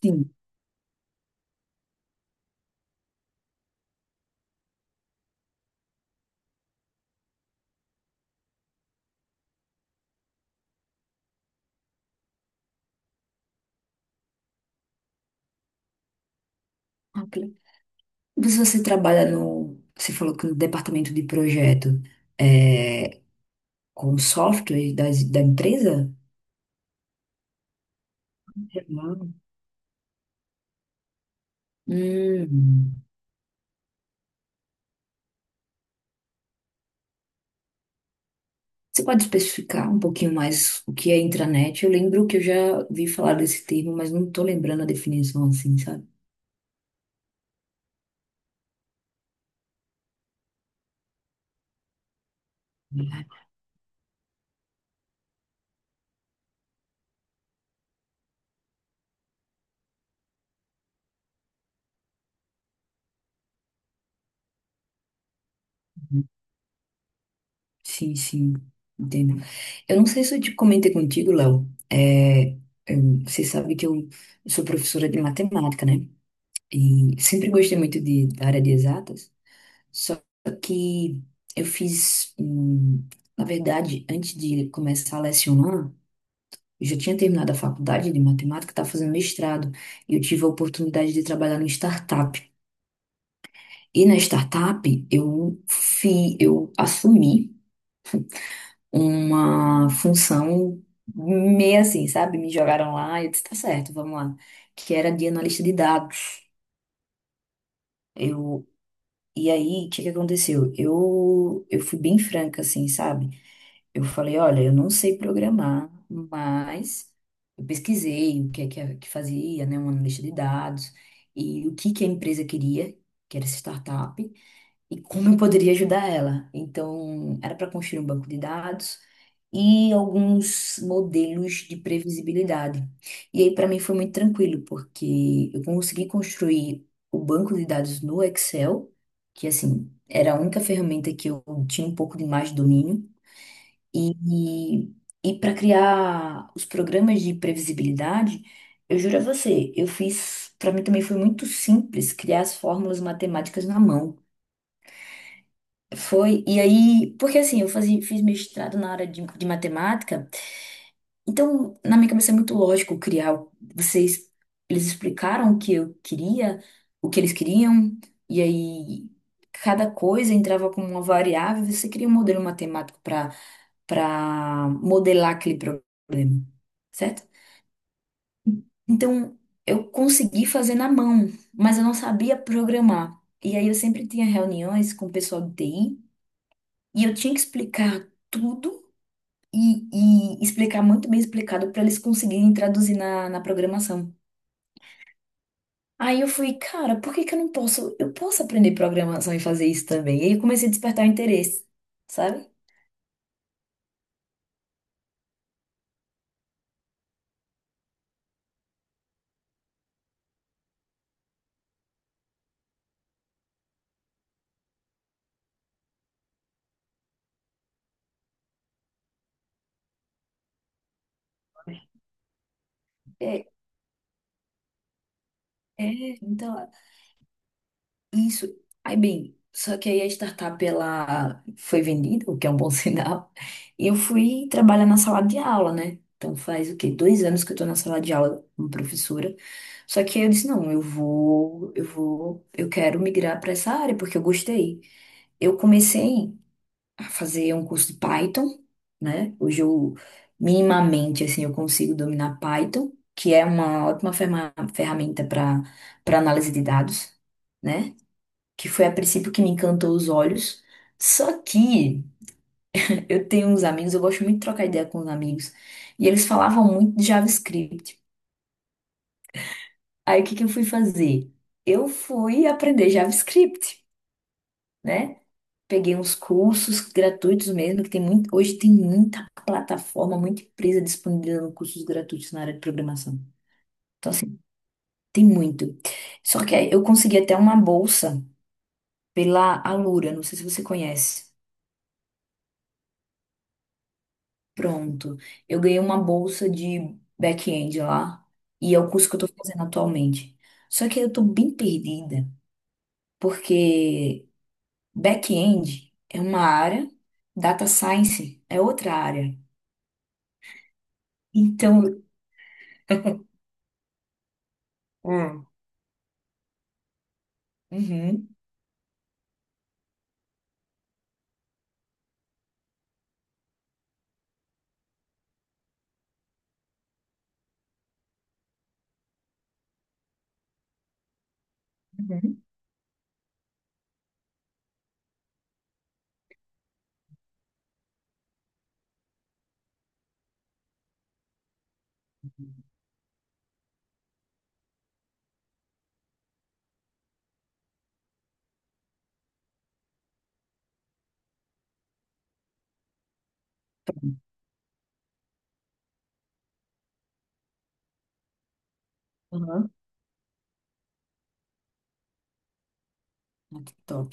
Sim. Ok. Mas você trabalha no. Você falou que no departamento de projeto é, com o software das, da empresa? Não. Hum. Você pode especificar um pouquinho mais o que é intranet? Eu lembro que eu já vi falar desse termo, mas não estou lembrando a definição assim, sabe? Uhum. Sim, sim, entendo. Eu não sei se eu te comentei contigo, Léo. Você sabe que eu sou professora de matemática, né? E sempre gostei muito de, da área de exatas. Só que eu fiz, na verdade, antes de começar a lecionar, eu já tinha terminado a faculdade de matemática, estava fazendo mestrado, e eu tive a oportunidade de trabalhar numa startup. E na startup, eu assumi uma função meio assim, sabe? Me jogaram lá e eu disse, tá certo, vamos lá. Que era de analista de dados. Eu, e aí, o que que aconteceu? Eu fui bem franca, assim, sabe? Eu falei, olha, eu não sei programar, mas eu pesquisei o que é que fazia, né, uma lista de dados e o que que a empresa queria, que era essa startup, e como eu poderia ajudar ela. Então, era para construir um banco de dados e alguns modelos de previsibilidade. E aí, para mim, foi muito tranquilo, porque eu consegui construir o banco de dados no Excel, que, assim, era a única ferramenta que eu tinha um pouco de mais domínio. E, e para criar os programas de previsibilidade, eu juro a você, eu fiz, para mim também foi muito simples criar as fórmulas matemáticas na mão. Foi, e aí, porque assim, fiz mestrado na área de matemática, então na minha cabeça é muito lógico criar. Vocês, eles explicaram o que eu queria, o que eles queriam, e aí cada coisa entrava como uma variável, você cria um modelo matemático para para modelar aquele problema, certo? Então, eu consegui fazer na mão, mas eu não sabia programar. E aí eu sempre tinha reuniões com o pessoal de TI e eu tinha que explicar tudo e, e explicar muito bem explicado para eles conseguirem traduzir na programação. Aí eu fui, cara, por que que eu não posso? Eu posso aprender programação e fazer isso também. E aí eu comecei a despertar o interesse, sabe? É, é, então, Isso. Aí, bem, só que aí a startup ela foi vendida, o que é um bom sinal, e eu fui trabalhar na sala de aula, né? Então faz o quê? Dois anos que eu tô na sala de aula como professora. Só que aí eu disse, não, eu vou, eu quero migrar para essa área porque eu gostei. Eu comecei a fazer um curso de Python, né? Hoje eu minimamente assim eu consigo dominar Python, que é uma ótima ferramenta para para análise de dados, né? Que foi a princípio que me encantou os olhos. Só que eu tenho uns amigos, eu gosto muito de trocar ideia com os amigos, e eles falavam muito de JavaScript. Aí o que que eu fui fazer? Eu fui aprender JavaScript, né? Peguei uns cursos gratuitos mesmo, que tem muito, hoje tem muita plataforma, muita empresa disponibilizando cursos gratuitos na área de programação. Então, assim, tem muito. Só que aí eu consegui até uma bolsa pela Alura, não sei se você conhece. Pronto. Eu ganhei uma bolsa de back-end lá e é o curso que eu tô fazendo atualmente. Só que eu tô bem perdida, porque back-end é uma área, data science é outra área. Então, Hum. uhum, uhum, uhum, ah, que top.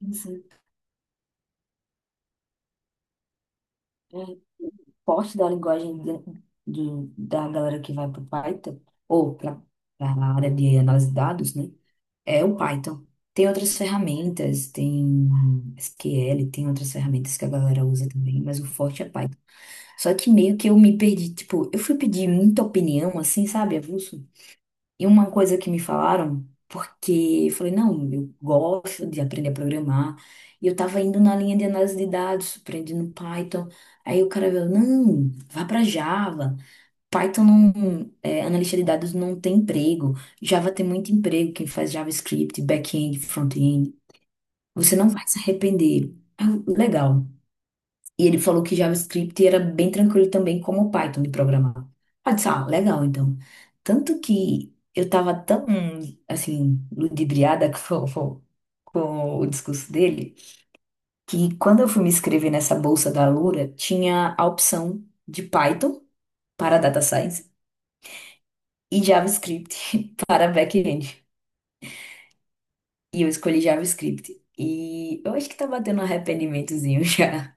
Isso, é, o porte da linguagem da galera que vai para o Python ou para a área de análise de dados, né? É o Python. Tem outras ferramentas, tem SQL, tem outras ferramentas que a galera usa também, mas o forte é Python. Só que meio que eu me perdi, tipo, eu fui pedir muita opinião, assim, sabe, avulso? E uma coisa que me falaram, porque eu falei, não, eu gosto de aprender a programar, e eu tava indo na linha de análise de dados, aprendendo Python, aí o cara veio, não, vá pra Java. Python não, é, analista de dados não tem emprego. Java tem muito emprego, quem faz JavaScript, back-end, front-end. Você não vai se arrepender. Ah, legal. E ele falou que JavaScript era bem tranquilo também, como o Python de programar. Ah, eu disse, ah, legal, então. Tanto que eu estava tão, assim, ludibriada com o discurso dele, que quando eu fui me inscrever nessa bolsa da Alura, tinha a opção de Python para Data Science e JavaScript para back-end. E eu escolhi JavaScript. E eu acho que tá batendo um arrependimentozinho já.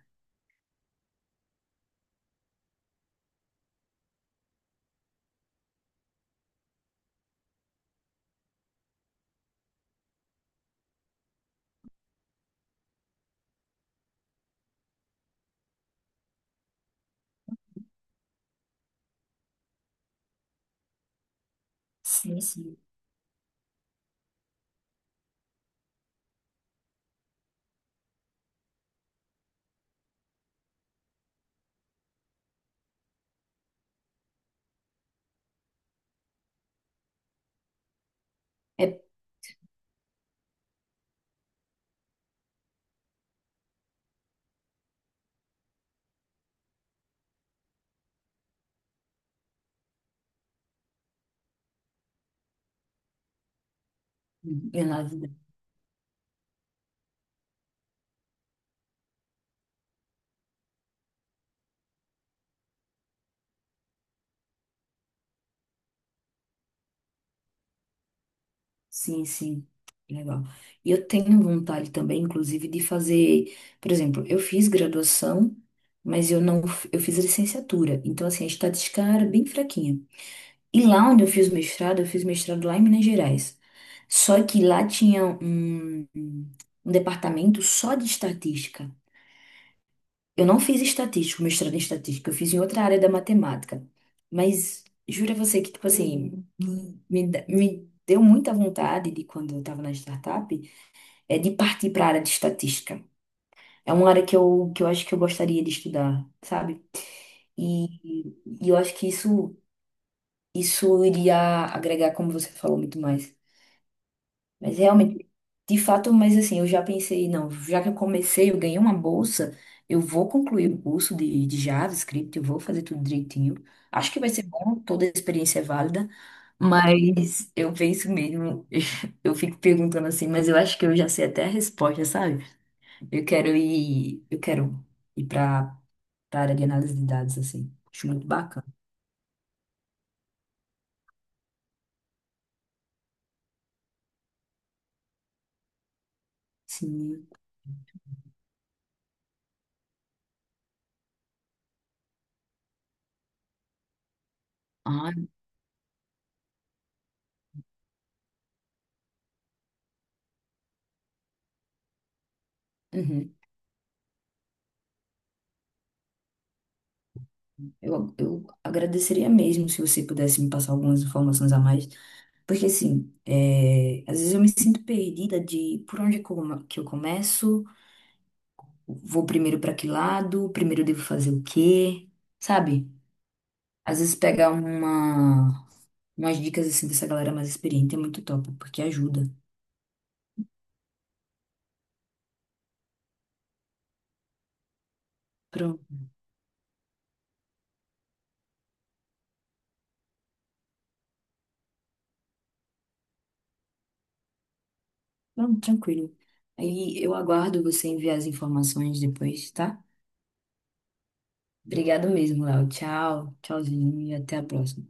Sim, sim. É na vida. Sim, sim. Legal. E eu tenho vontade também, inclusive, de fazer, por exemplo, eu fiz graduação, mas eu não, f- eu fiz licenciatura. Então, assim, a estatística era bem fraquinha. E lá onde eu fiz mestrado lá em Minas Gerais. Só que lá tinha um departamento só de estatística. Eu não fiz estatística, o mestrado em estatística, eu fiz em outra área da matemática. Mas jura você que, tipo assim, me deu muita vontade de quando eu estava na startup, é de partir para a área de estatística. É uma área que que eu acho que eu gostaria de estudar, sabe? E, e eu acho que isso iria agregar, como você falou, muito mais. Mas realmente, de fato, mas assim, eu já pensei, não, já que eu comecei, eu ganhei uma bolsa, eu vou concluir o curso de JavaScript, eu vou fazer tudo direitinho. Acho que vai ser bom, toda a experiência é válida, mas eu penso mesmo, eu fico perguntando assim, mas eu acho que eu já sei até a resposta, sabe? Eu quero ir para a área de análise de dados, assim. Acho muito bacana. Sim. Ah, uhum. Eu agradeceria mesmo se você pudesse me passar algumas informações a mais. Porque assim, é, às vezes eu me sinto perdida de por onde que eu começo, vou primeiro para que lado, primeiro eu devo fazer o quê, sabe? Às vezes pegar umas dicas assim dessa galera mais experiente é muito top, porque ajuda. Pronto, pronto, tranquilo. Aí eu aguardo você enviar as informações depois, tá? Obrigado mesmo, Léo. Tchau, tchauzinho e até a próxima.